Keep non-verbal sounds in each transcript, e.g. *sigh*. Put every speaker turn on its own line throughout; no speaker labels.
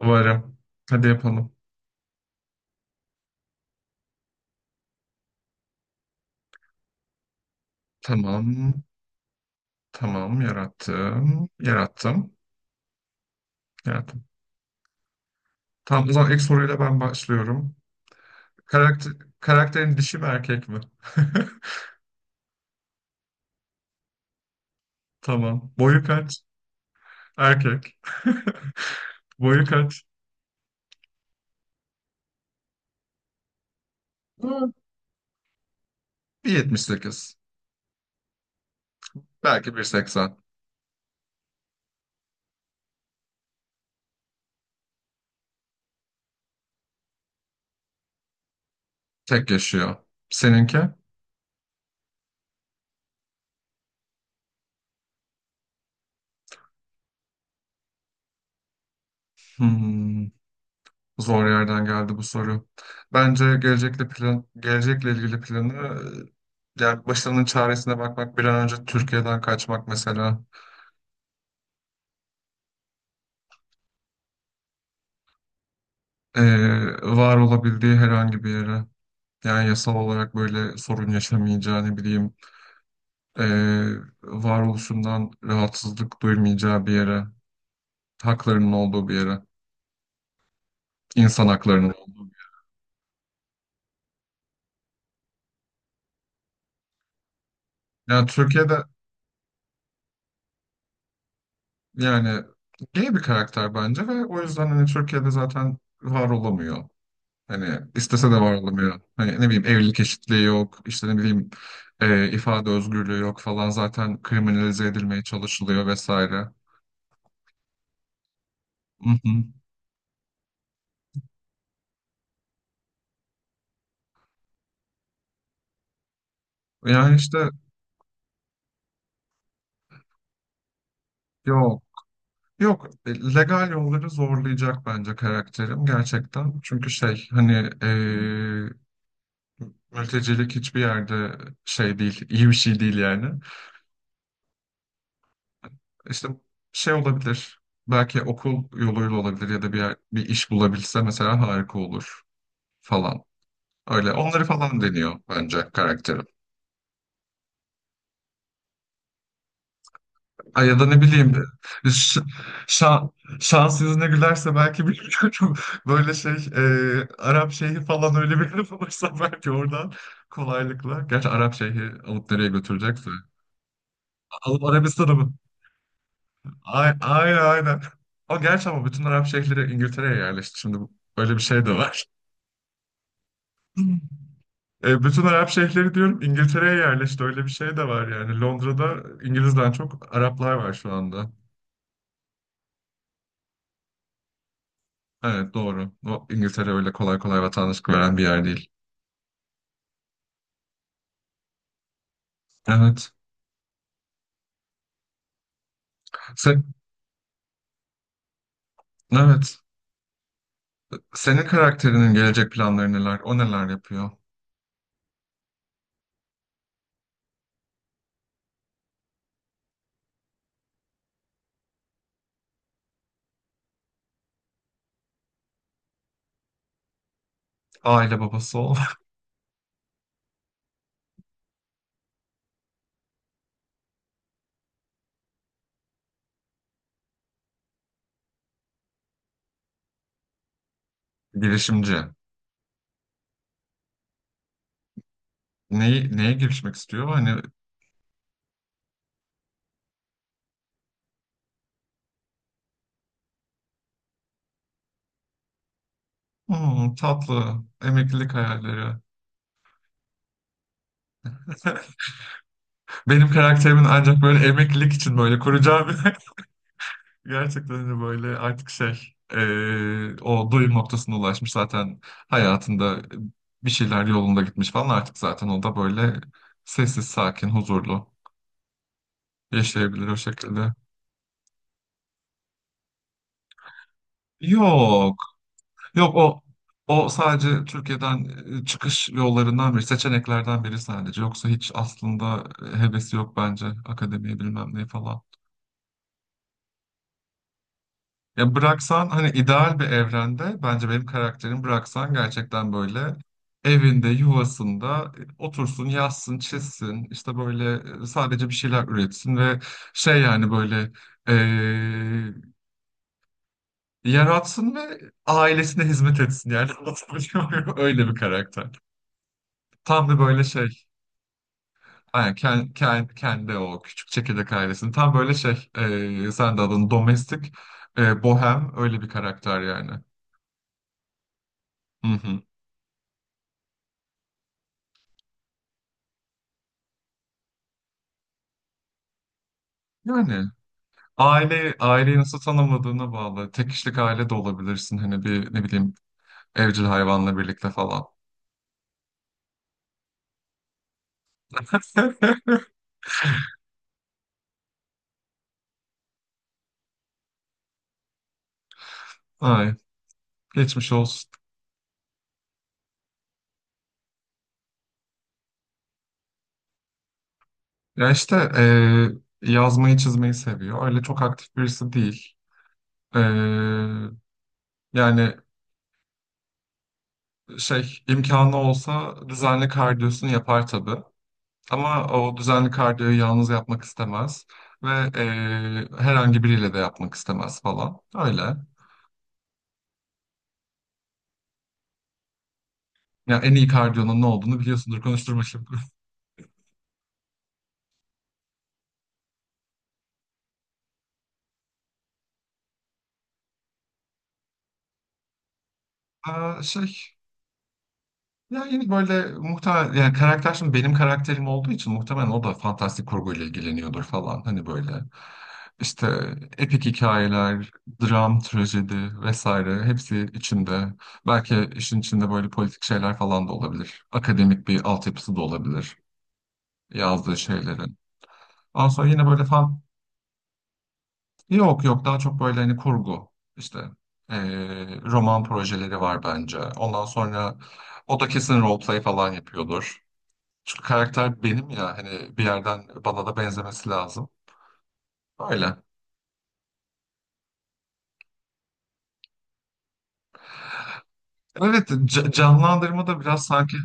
Varım. Hadi yapalım. Tamam. Tamam. Yarattım. Yarattım. Tamam, o zaman ilk soruyla ben başlıyorum. Karakter, karakterin dişi mi, erkek mi? *laughs* Tamam. Boyu kaç? Erkek. *laughs* Boyu kaç? Hmm. 1.78. Belki 1.80. Tek yaşıyor. Seninki? Hmm. Zor yerden geldi bu soru. Bence gelecekle ilgili planı yani başarının çaresine bakmak, bir an önce Türkiye'den kaçmak mesela. E, Var olabildiği herhangi bir yere. Yani yasal olarak böyle sorun yaşamayacağı, ne bileyim, e, varoluşundan rahatsızlık duymayacağı bir yere. Haklarının olduğu bir yere. İnsan haklarının olduğu bir yere. Yani Türkiye'de, yani gay bir karakter bence ve o yüzden hani Türkiye'de zaten var olamıyor. Hani istese de varlamıyor. Hani ne bileyim, evlilik eşitliği yok, işte ne bileyim ifade özgürlüğü yok falan. Zaten kriminalize edilmeye çalışılıyor vesaire. Hı hı. Yani işte yok. Yok. E, Legal yolları zorlayacak bence karakterim gerçekten. Çünkü şey, hani e, mültecilik hiçbir yerde şey değil, iyi bir şey değil yani. İşte şey olabilir. Belki okul yoluyla olabilir ya da bir iş bulabilse mesela harika olur falan. Öyle onları falan deniyor bence karakterim. Ay ya da ne bileyim, e, ş- şa- şans yüzüne gülerse belki, bilmiyorum. *laughs* Böyle şey, Arap Şeyhi falan öyle bir laf olursa belki oradan kolaylıkla. Gerçi Arap Şeyhi alıp nereye götürecekse. Alıp Arabistan'a mı? Ay, aynen aynen. O gerçi, ama bütün Arap şeyhleri İngiltere'ye yerleşti. Öyle bir şey de var. Hmm. E, bütün Arap şeyhleri diyorum, İngiltere'ye yerleşti. Öyle bir şey de var yani. Londra'da İngiliz'den çok Araplar var şu anda. Evet, doğru. O İngiltere öyle kolay kolay vatandaşlık veren bir yer değil. Evet. Sen, evet. Senin karakterinin gelecek planları neler? O neler yapıyor? Aile babası ol. *laughs* Girişimci. Neye girişmek istiyor? Hani "Hmm, tatlı emeklilik hayalleri. *laughs* Benim karakterimin ancak böyle emeklilik için böyle kuracağım. *laughs* Gerçekten de böyle artık şey, o doyum noktasına ulaşmış zaten, hayatında bir şeyler yolunda gitmiş falan, artık zaten o da böyle sessiz, sakin, huzurlu yaşayabilir o şekilde. Yok, yok, o o sadece Türkiye'den çıkış yollarından biri, seçeneklerden biri sadece, yoksa hiç aslında hevesi yok bence akademiye, bilmem ne falan. Ya bıraksan, hani ideal bir evrende bence benim karakterim, bıraksan gerçekten böyle evinde, yuvasında otursun, yazsın, çizsin, işte böyle sadece bir şeyler üretsin ve şey, yani böyle eee, yaratsın ve ailesine hizmet etsin. Yani *laughs* anlatabiliyor muyum? Öyle bir karakter. Tam bir böyle şey. Yani kendi, kendi, o küçük çekirdek ailesinin tam böyle şey, sen de adını domestik, bohem öyle bir karakter yani. Hı hı. Yani aileyi nasıl tanımladığına bağlı. Tek kişilik aile de olabilirsin. Hani bir, ne bileyim, evcil hayvanla birlikte falan. *laughs* Ay, geçmiş olsun. Ya işte, yazmayı çizmeyi seviyor. Öyle çok aktif birisi değil. E, Yani şey, imkanı olsa düzenli kardiyosunu yapar tabii. Ama o düzenli kardiyoyu yalnız yapmak istemez. Ve herhangi biriyle de yapmak istemez falan. Öyle. Ya en iyi kardiyonun ne olduğunu biliyorsundur, konuşturma şimdi. Aa, şey, ya yine böyle muhtemelen, yani karakter, şimdi benim karakterim olduğu için muhtemelen o da fantastik kurguyla ilgileniyordur falan, hani böyle işte epik hikayeler, dram, trajedi vesaire, hepsi içinde. Belki işin içinde böyle politik şeyler falan da olabilir. Akademik bir altyapısı da olabilir yazdığı şeylerin. Ondan sonra yine böyle fan Yok yok, daha çok böyle hani kurgu, işte roman projeleri var bence. Ondan sonra o da kesin roleplay falan yapıyordur. Çünkü karakter benim ya, hani bir yerden bana da benzemesi lazım. Öyle. Evet, canlandırma da biraz sanki.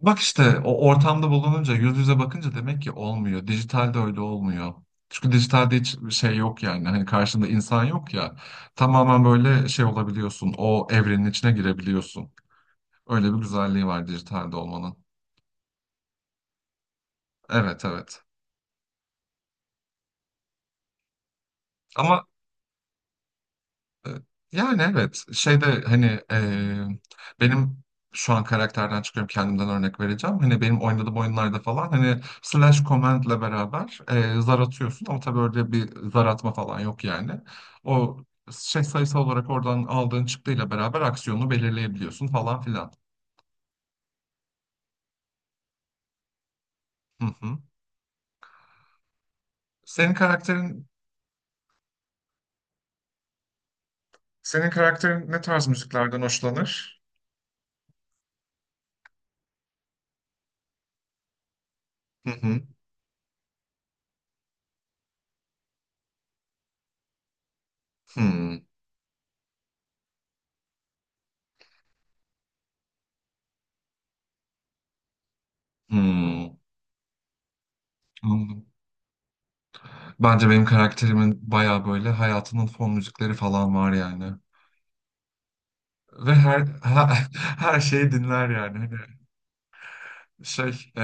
Bak işte, o ortamda bulununca, yüz yüze bakınca demek ki olmuyor. Dijitalde öyle olmuyor. Çünkü dijitalde hiç şey yok, yani hani karşında insan yok ya, tamamen böyle şey olabiliyorsun, o evrenin içine girebiliyorsun. Öyle bir güzelliği var dijitalde olmanın. Evet, evet. Ama e, yani evet, şeyde hani, benim şu an karakterden çıkıyorum, kendimden örnek vereceğim. Hani benim oynadığım oyunlarda falan, hani slash command'le beraber zar atıyorsun, ama tabii öyle bir zar atma falan yok yani. O şey, sayısal olarak oradan aldığın çıktıyla beraber aksiyonu belirleyebiliyorsun falan filan. Hı hı. Senin karakterin Senin karakterin ne tarz müziklerden hoşlanır? Hı hı. Hmm. Hmm. Anladım. Bence benim karakterimin bayağı böyle hayatının fon müzikleri falan var yani. Ve her *laughs* her şeyi dinler yani. Hani şey, e,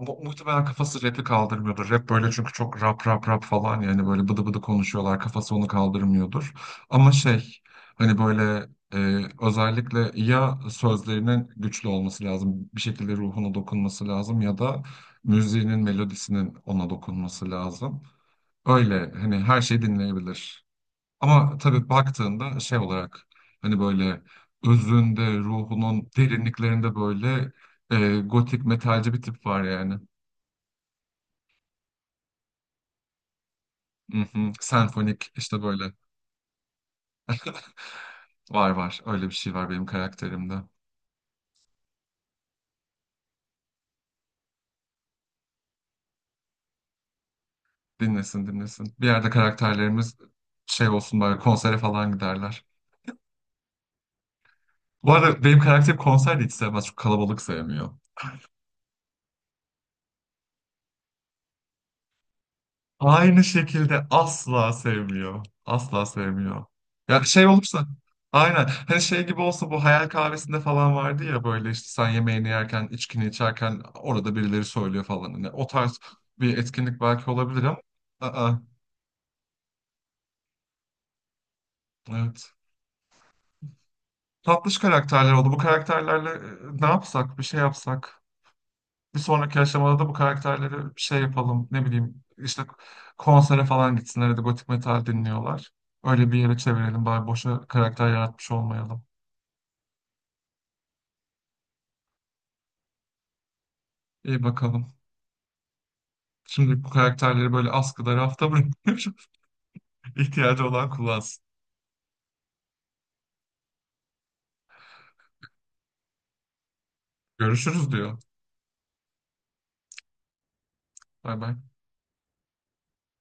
mu- muhtemelen kafası rapi kaldırmıyordur. Rap böyle, çünkü çok rap rap rap falan, yani böyle bıdı bıdı konuşuyorlar. Kafası onu kaldırmıyordur. Ama şey, hani böyle özellikle ya sözlerinin güçlü olması lazım. Bir şekilde ruhuna dokunması lazım ya da müziğinin, melodisinin ona dokunması lazım. Öyle hani her şeyi dinleyebilir. Ama tabii baktığında şey olarak, hani böyle özünde, ruhunun derinliklerinde böyle gotik metalci bir tip var yani. Mhm. Senfonik, işte böyle var, öyle bir şey var benim karakterimde. Dinlesin, dinlesin. Bir yerde karakterlerimiz şey olsun, böyle konsere falan giderler. Bu arada benim karakterim konser de hiç sevmez. Çok kalabalık sevmiyor. Aynı şekilde asla sevmiyor. Asla sevmiyor. Ya şey olursa, aynen, hani şey gibi olsa, bu hayal kahvesinde falan vardı ya, böyle işte sen yemeğini yerken, içkini içerken orada birileri söylüyor falan. Hani o tarz bir etkinlik belki olabilir, ama aa, evet. Tatlış karakterler oldu. Bu karakterlerle ne yapsak, bir şey yapsak, bir sonraki aşamada da bu karakterleri bir şey yapalım, ne bileyim işte konsere falan gitsinler ya da gotik metal dinliyorlar. Öyle bir yere çevirelim, bari boşa karakter yaratmış olmayalım. İyi bakalım. Şimdi bu karakterleri böyle askıda, rafta bırakıyorum. *laughs* İhtiyacı olan kullansın. Görüşürüz diyor. Bay bay.